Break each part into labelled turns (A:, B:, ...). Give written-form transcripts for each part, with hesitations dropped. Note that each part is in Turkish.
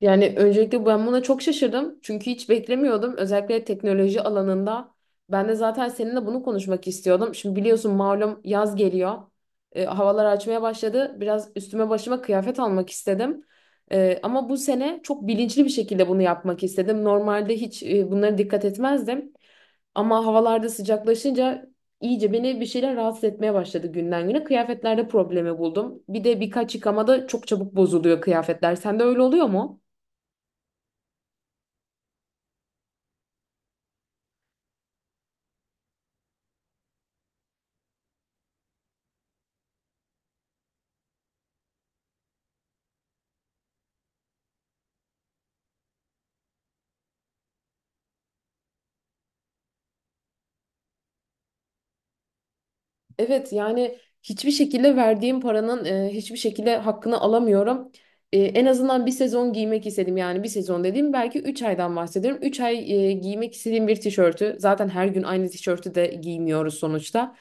A: Yani öncelikle ben buna çok şaşırdım. Çünkü hiç beklemiyordum. Özellikle teknoloji alanında. Ben de zaten seninle bunu konuşmak istiyordum. Şimdi biliyorsun malum yaz geliyor. Havalar açmaya başladı. Biraz üstüme başıma kıyafet almak istedim. Ama bu sene çok bilinçli bir şekilde bunu yapmak istedim. Normalde hiç bunlara dikkat etmezdim. Ama havalarda sıcaklaşınca iyice beni bir şeyler rahatsız etmeye başladı günden güne. Kıyafetlerde problemi buldum. Bir de birkaç yıkamada çok çabuk bozuluyor kıyafetler. Sende öyle oluyor mu? Evet yani hiçbir şekilde verdiğim paranın hiçbir şekilde hakkını alamıyorum. En azından bir sezon giymek istedim, yani bir sezon dediğim belki 3 aydan bahsediyorum. Üç ay giymek istediğim bir tişörtü, zaten her gün aynı tişörtü de giymiyoruz sonuçta.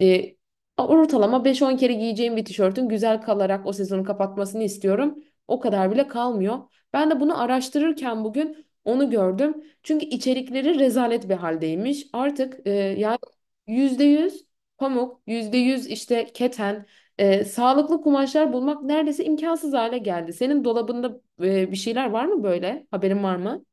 A: E, Ortalama beş on kere giyeceğim bir tişörtün güzel kalarak o sezonu kapatmasını istiyorum. O kadar bile kalmıyor. Ben de bunu araştırırken bugün onu gördüm. Çünkü içerikleri rezalet bir haldeymiş. Artık yani %100 pamuk, %100 işte keten, sağlıklı kumaşlar bulmak neredeyse imkansız hale geldi. Senin dolabında bir şeyler var mı böyle? Haberin var mı?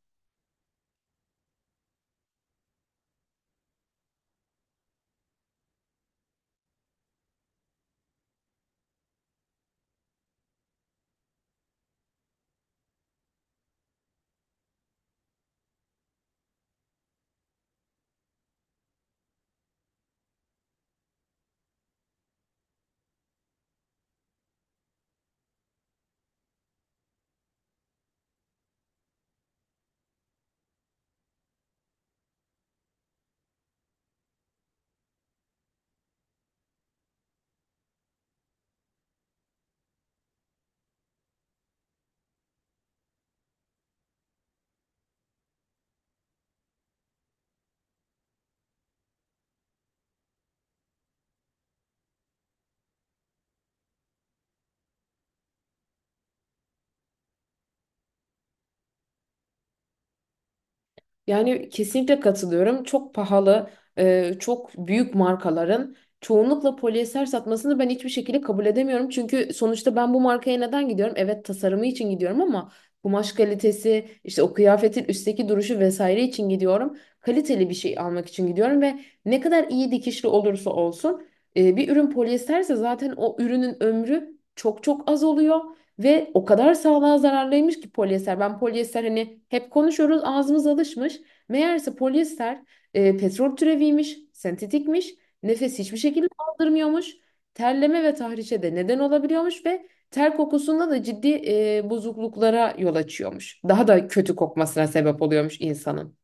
A: Yani kesinlikle katılıyorum. Çok pahalı, çok büyük markaların çoğunlukla polyester satmasını ben hiçbir şekilde kabul edemiyorum. Çünkü sonuçta ben bu markaya neden gidiyorum? Evet tasarımı için gidiyorum ama kumaş kalitesi, işte o kıyafetin üstteki duruşu vesaire için gidiyorum. Kaliteli bir şey almak için gidiyorum ve ne kadar iyi dikişli olursa olsun bir ürün polyesterse zaten o ürünün ömrü çok çok az oluyor. Ve o kadar sağlığa zararlıymış ki polyester. Ben polyester hani hep konuşuyoruz, ağzımız alışmış. Meğerse polyester petrol türeviymiş, sentetikmiş, nefes hiçbir şekilde aldırmıyormuş. Terleme ve tahrişe de neden olabiliyormuş ve ter kokusunda da ciddi bozukluklara yol açıyormuş. Daha da kötü kokmasına sebep oluyormuş insanın.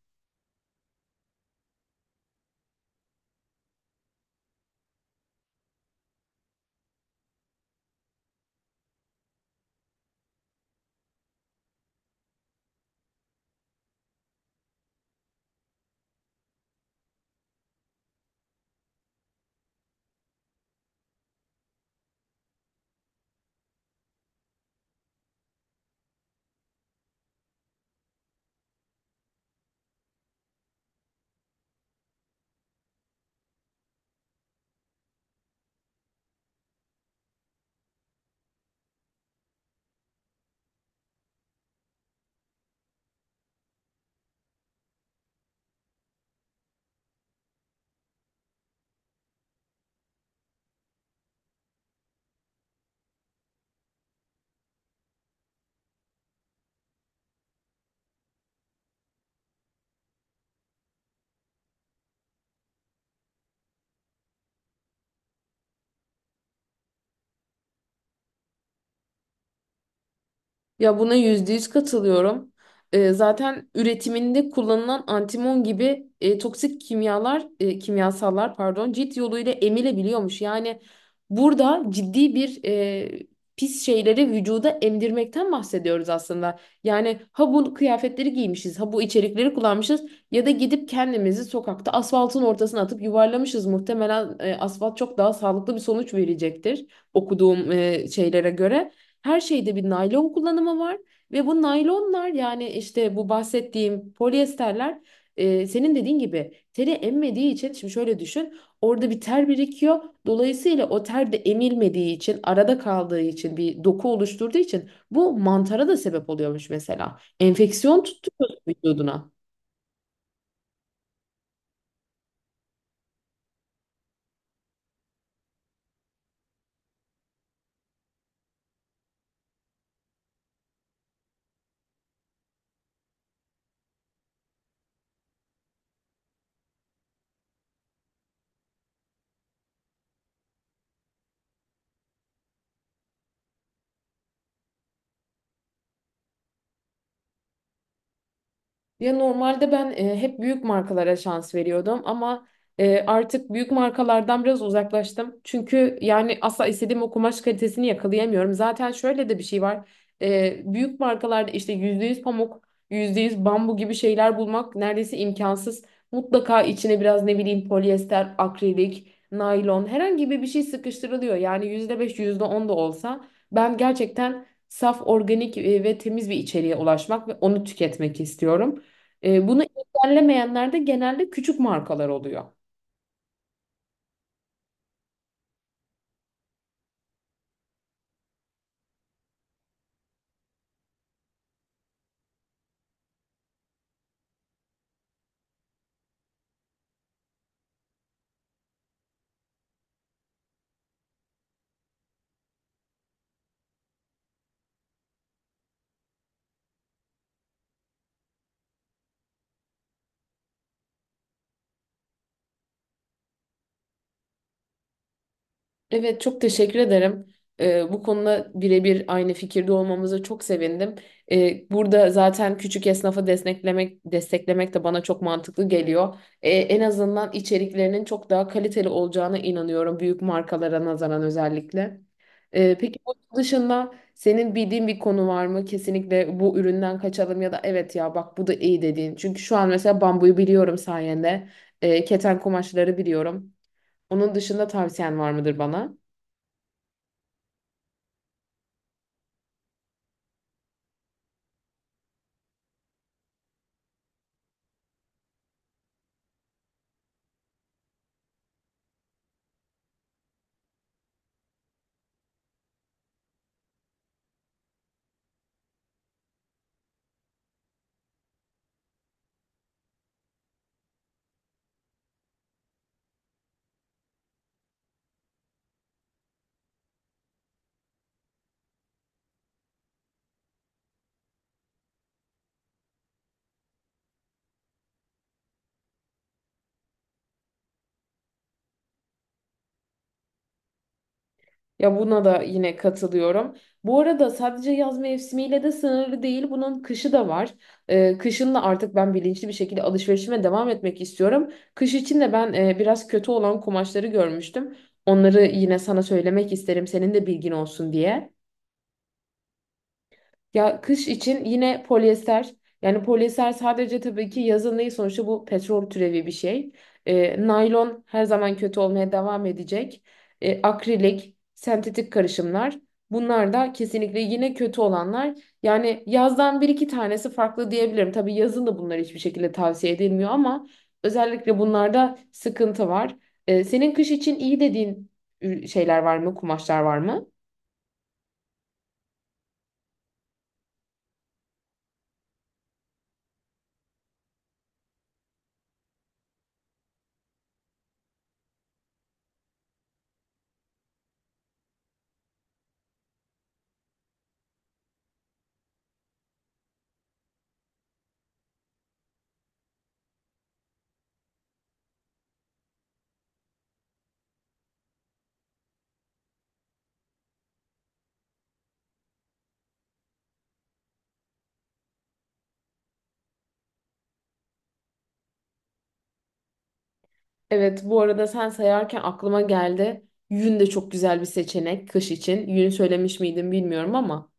A: Ya buna %100 katılıyorum. Zaten üretiminde kullanılan antimon gibi toksik kimyalar, kimyasallar pardon, cilt yoluyla emilebiliyormuş. Yani burada ciddi bir pis şeyleri vücuda emdirmekten bahsediyoruz aslında. Yani ha bu kıyafetleri giymişiz, ha bu içerikleri kullanmışız ya da gidip kendimizi sokakta asfaltın ortasına atıp yuvarlamışız. Muhtemelen asfalt çok daha sağlıklı bir sonuç verecektir okuduğum şeylere göre. Her şeyde bir naylon kullanımı var ve bu naylonlar, yani işte bu bahsettiğim polyesterler, senin dediğin gibi teri emmediği için, şimdi şöyle düşün, orada bir ter birikiyor. Dolayısıyla o ter de emilmediği için, arada kaldığı için, bir doku oluşturduğu için bu mantara da sebep oluyormuş mesela. Enfeksiyon tutturuyor vücuduna. Ya normalde ben hep büyük markalara şans veriyordum ama artık büyük markalardan biraz uzaklaştım. Çünkü yani asla istediğim o kumaş kalitesini yakalayamıyorum. Zaten şöyle de bir şey var. Büyük markalarda işte %100 pamuk, %100 bambu gibi şeyler bulmak neredeyse imkansız. Mutlaka içine biraz ne bileyim polyester, akrilik, naylon herhangi bir şey sıkıştırılıyor. Yani %5, yüzde on da olsa ben gerçekten saf, organik ve temiz bir içeriğe ulaşmak ve onu tüketmek istiyorum. Bunu engellemeyenler de genelde küçük markalar oluyor. Evet çok teşekkür ederim. Bu konuda birebir aynı fikirde olmamıza çok sevindim. Burada zaten küçük esnafa desteklemek de bana çok mantıklı geliyor. En azından içeriklerinin çok daha kaliteli olacağına inanıyorum, büyük markalara nazaran özellikle. Peki bunun dışında senin bildiğin bir konu var mı? Kesinlikle bu üründen kaçalım ya da evet ya bak bu da iyi dediğin. Çünkü şu an mesela bambuyu biliyorum sayende. Keten kumaşları biliyorum. Onun dışında tavsiyen var mıdır bana? Ya buna da yine katılıyorum. Bu arada sadece yaz mevsimiyle de sınırlı değil. Bunun kışı da var. Kışın da artık ben bilinçli bir şekilde alışverişime devam etmek istiyorum. Kış için de ben biraz kötü olan kumaşları görmüştüm. Onları yine sana söylemek isterim, senin de bilgin olsun diye. Ya kış için yine polyester. Yani polyester sadece tabii ki yazın değil, sonuçta bu petrol türevi bir şey. Naylon her zaman kötü olmaya devam edecek. Akrilik, sentetik karışımlar. Bunlar da kesinlikle yine kötü olanlar. Yani yazdan bir iki tanesi farklı diyebilirim. Tabii yazın da bunlar hiçbir şekilde tavsiye edilmiyor ama özellikle bunlarda sıkıntı var. Senin kış için iyi dediğin şeyler var mı, kumaşlar var mı? Evet, bu arada sen sayarken aklıma geldi. Yün de çok güzel bir seçenek kış için. Yün söylemiş miydim bilmiyorum ama.